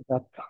Esatto.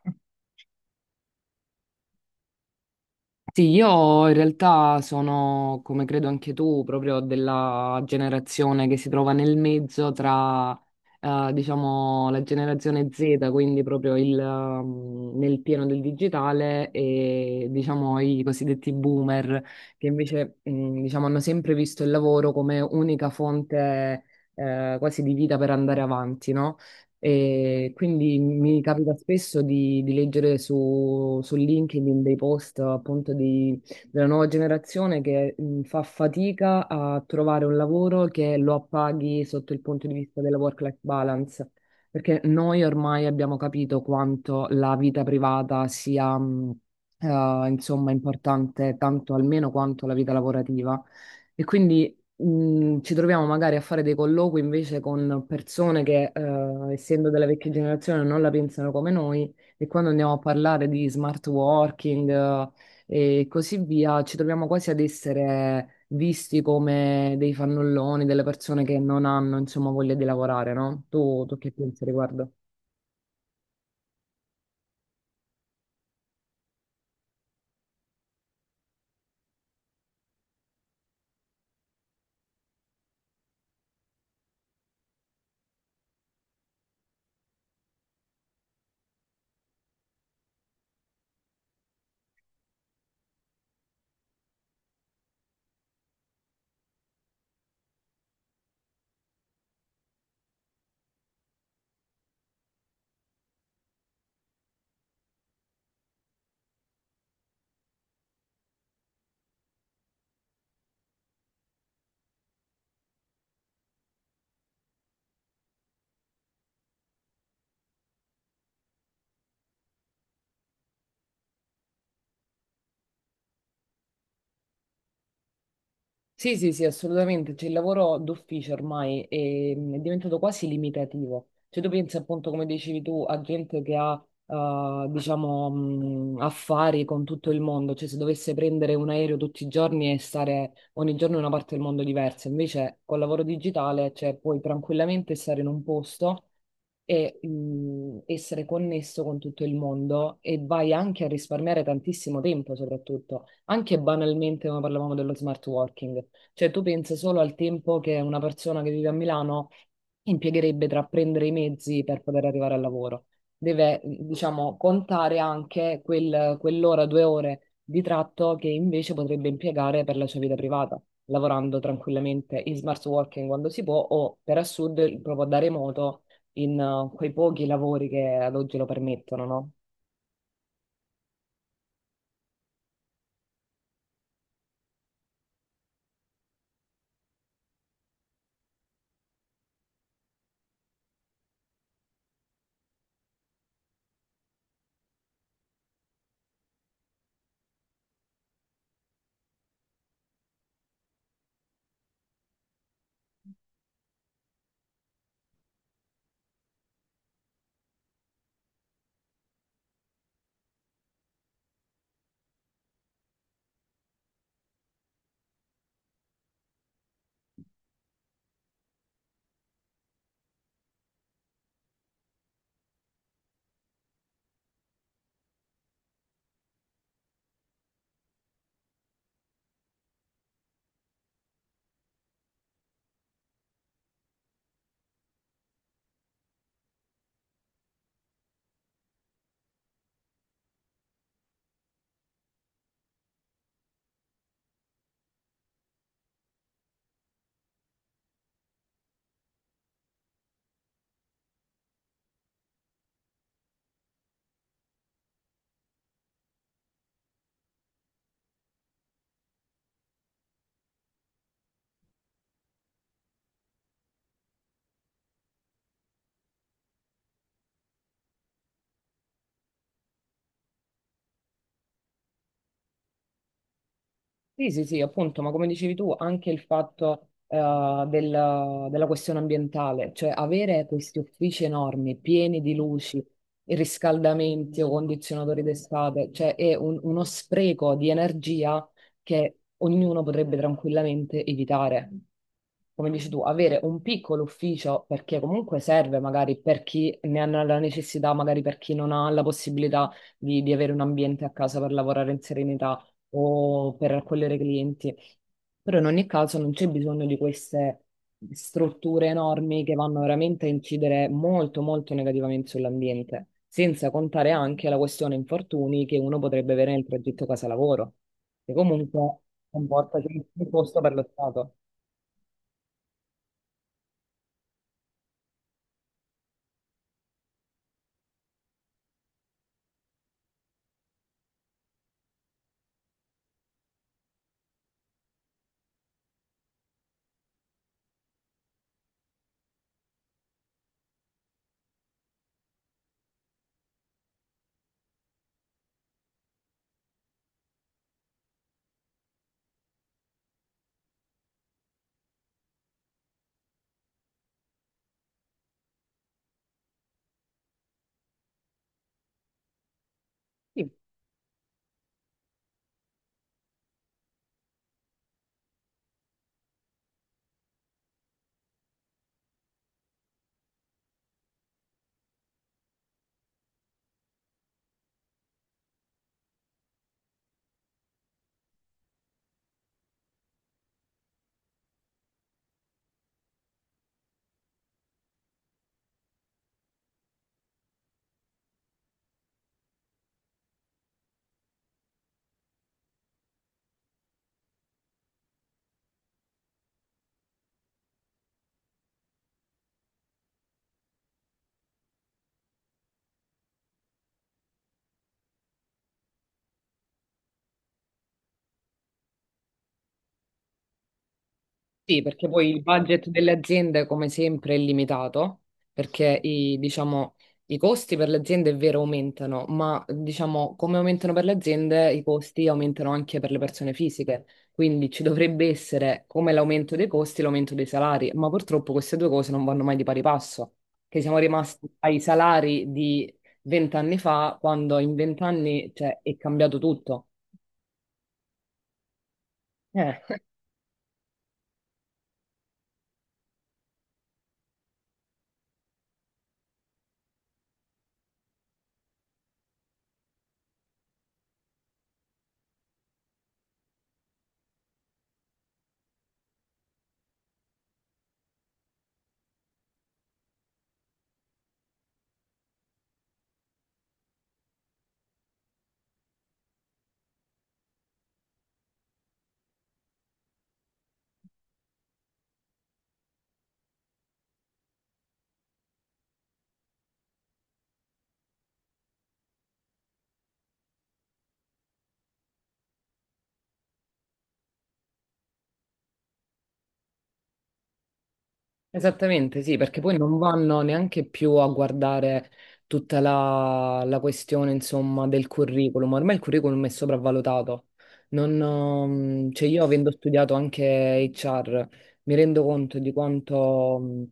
Sì, io in realtà sono, come credo anche tu, proprio della generazione che si trova nel mezzo tra, diciamo, la generazione Z, quindi proprio il, nel pieno del digitale, e, diciamo, i cosiddetti boomer, che invece, diciamo, hanno sempre visto il lavoro come unica fonte, quasi di vita per andare avanti, no? E quindi mi capita spesso di leggere su LinkedIn dei post appunto della nuova generazione che fa fatica a trovare un lavoro che lo appaghi sotto il punto di vista della work-life balance, perché noi ormai abbiamo capito quanto la vita privata sia, insomma, importante tanto almeno quanto la vita lavorativa. E quindi ci troviamo magari a fare dei colloqui invece con persone che, essendo della vecchia generazione, non la pensano come noi e quando andiamo a parlare di smart working, e così via, ci troviamo quasi ad essere visti come dei fannulloni, delle persone che non hanno, insomma, voglia di lavorare, no? Tu che pensi riguardo? Sì, sì, sì, assolutamente. Cioè, il lavoro d'ufficio ormai è diventato quasi limitativo. Cioè, tu pensi appunto, come dicevi tu, a gente che ha, diciamo, affari con tutto il mondo. Cioè, se dovesse prendere un aereo tutti i giorni e stare ogni giorno in una parte del mondo diversa. Invece, col lavoro digitale, cioè, puoi tranquillamente stare in un posto e essere connesso con tutto il mondo e vai anche a risparmiare tantissimo tempo, soprattutto, anche banalmente come parlavamo dello smart working. Cioè, tu pensi solo al tempo che una persona che vive a Milano impiegherebbe tra prendere i mezzi per poter arrivare al lavoro. Deve, diciamo, contare anche quell'ora, due ore di tratto che invece potrebbe impiegare per la sua vita privata, lavorando tranquillamente in smart working quando si può o per assurdo proprio da remoto in quei pochi lavori che ad oggi lo permettono, no? Sì, sì, sì, appunto, ma come dicevi tu, anche il fatto della questione ambientale, cioè avere questi uffici enormi, pieni di luci, riscaldamenti o condizionatori d'estate, cioè è uno spreco di energia che ognuno potrebbe tranquillamente evitare. Come dici tu, avere un piccolo ufficio perché comunque serve magari per chi ne ha la necessità, magari per chi non ha la possibilità di avere un ambiente a casa per lavorare in serenità o per raccogliere clienti. Però in ogni caso non c'è bisogno di queste strutture enormi che vanno veramente a incidere molto negativamente sull'ambiente, senza contare anche la questione infortuni che uno potrebbe avere nel progetto casa-lavoro, che comunque comporta sempre un costo per lo Stato. Sì, sì, perché poi il budget delle aziende, come sempre, è limitato, perché i, diciamo, i costi per le aziende è vero aumentano, ma diciamo, come aumentano per le aziende, i costi aumentano anche per le persone fisiche. Quindi ci dovrebbe essere come l'aumento dei costi, l'aumento dei salari, ma purtroppo queste due cose non vanno mai di pari passo, che siamo rimasti ai salari di vent'anni fa, quando in vent'anni, cioè, è cambiato tutto. Eh. Esattamente, sì, perché poi non vanno neanche più a guardare tutta la questione, insomma, del curriculum. Ormai il curriculum è sopravvalutato. Non, cioè io avendo studiato anche HR, mi rendo conto di quanto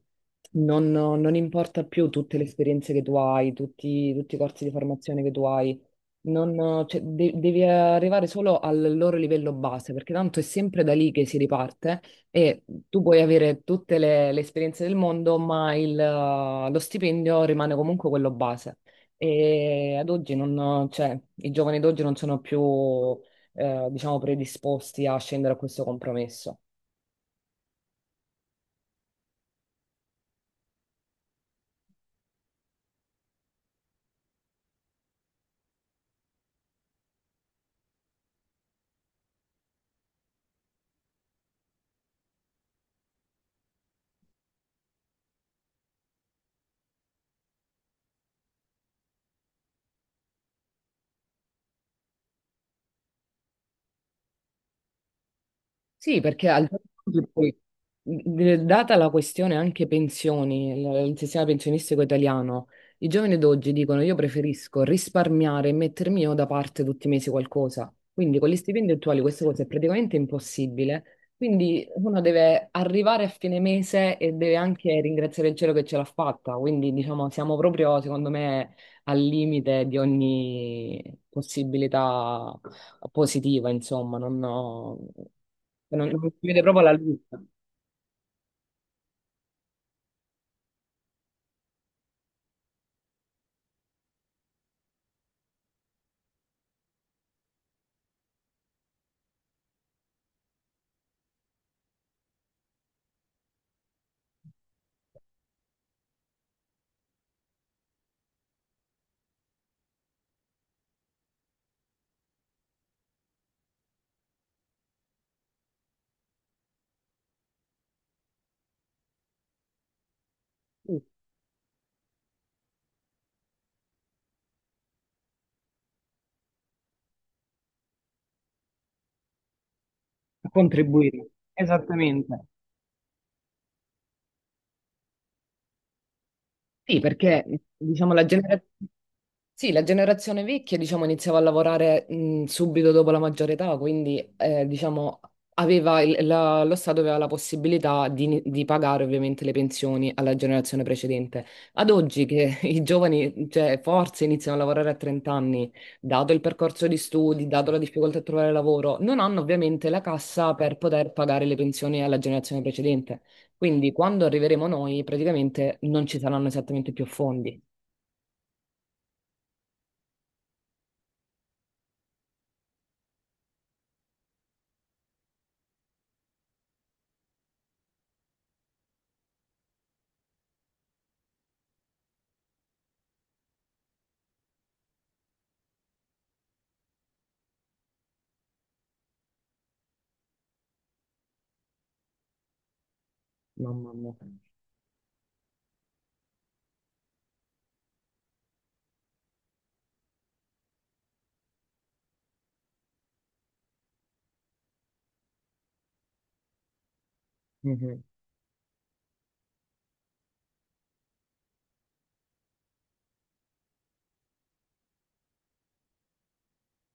non, non importa più tutte le esperienze che tu hai, tutti i corsi di formazione che tu hai. Non, cioè, devi arrivare solo al loro livello base, perché tanto è sempre da lì che si riparte e tu puoi avere tutte le esperienze del mondo, ma lo stipendio rimane comunque quello base. E ad oggi non, cioè, i giovani d'oggi non sono più, diciamo, predisposti a scendere a questo compromesso. Sì, perché al giorno d'oggi poi, data la questione anche pensioni, il sistema pensionistico italiano, i giovani d'oggi dicono io preferisco risparmiare e mettermi io da parte tutti i mesi qualcosa. Quindi con gli stipendi attuali questa cosa è praticamente impossibile. Quindi uno deve arrivare a fine mese e deve anche ringraziare il cielo che ce l'ha fatta. Quindi diciamo siamo proprio, secondo me, al limite di ogni possibilità positiva, insomma, non, non si vede proprio la luce a contribuire. Esattamente. Sì, perché diciamo la generazione. Sì, la generazione vecchia, diciamo, iniziava a lavorare subito dopo la maggiore età, quindi, diciamo, aveva lo Stato aveva la possibilità di, di pagare ovviamente le pensioni alla generazione precedente. Ad oggi che i giovani, cioè, forse iniziano a lavorare a 30 anni, dato il percorso di studi, dato la difficoltà a trovare lavoro, non hanno ovviamente la cassa per poter pagare le pensioni alla generazione precedente. Quindi, quando arriveremo noi, praticamente non ci saranno esattamente più fondi. Mamma mia. Mhm.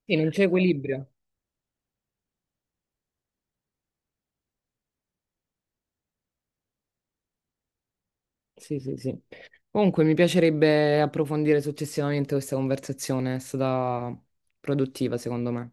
Sì, non c'è equilibrio. Sì, sì, sì. Comunque, mi piacerebbe approfondire successivamente questa conversazione, è stata produttiva, secondo me.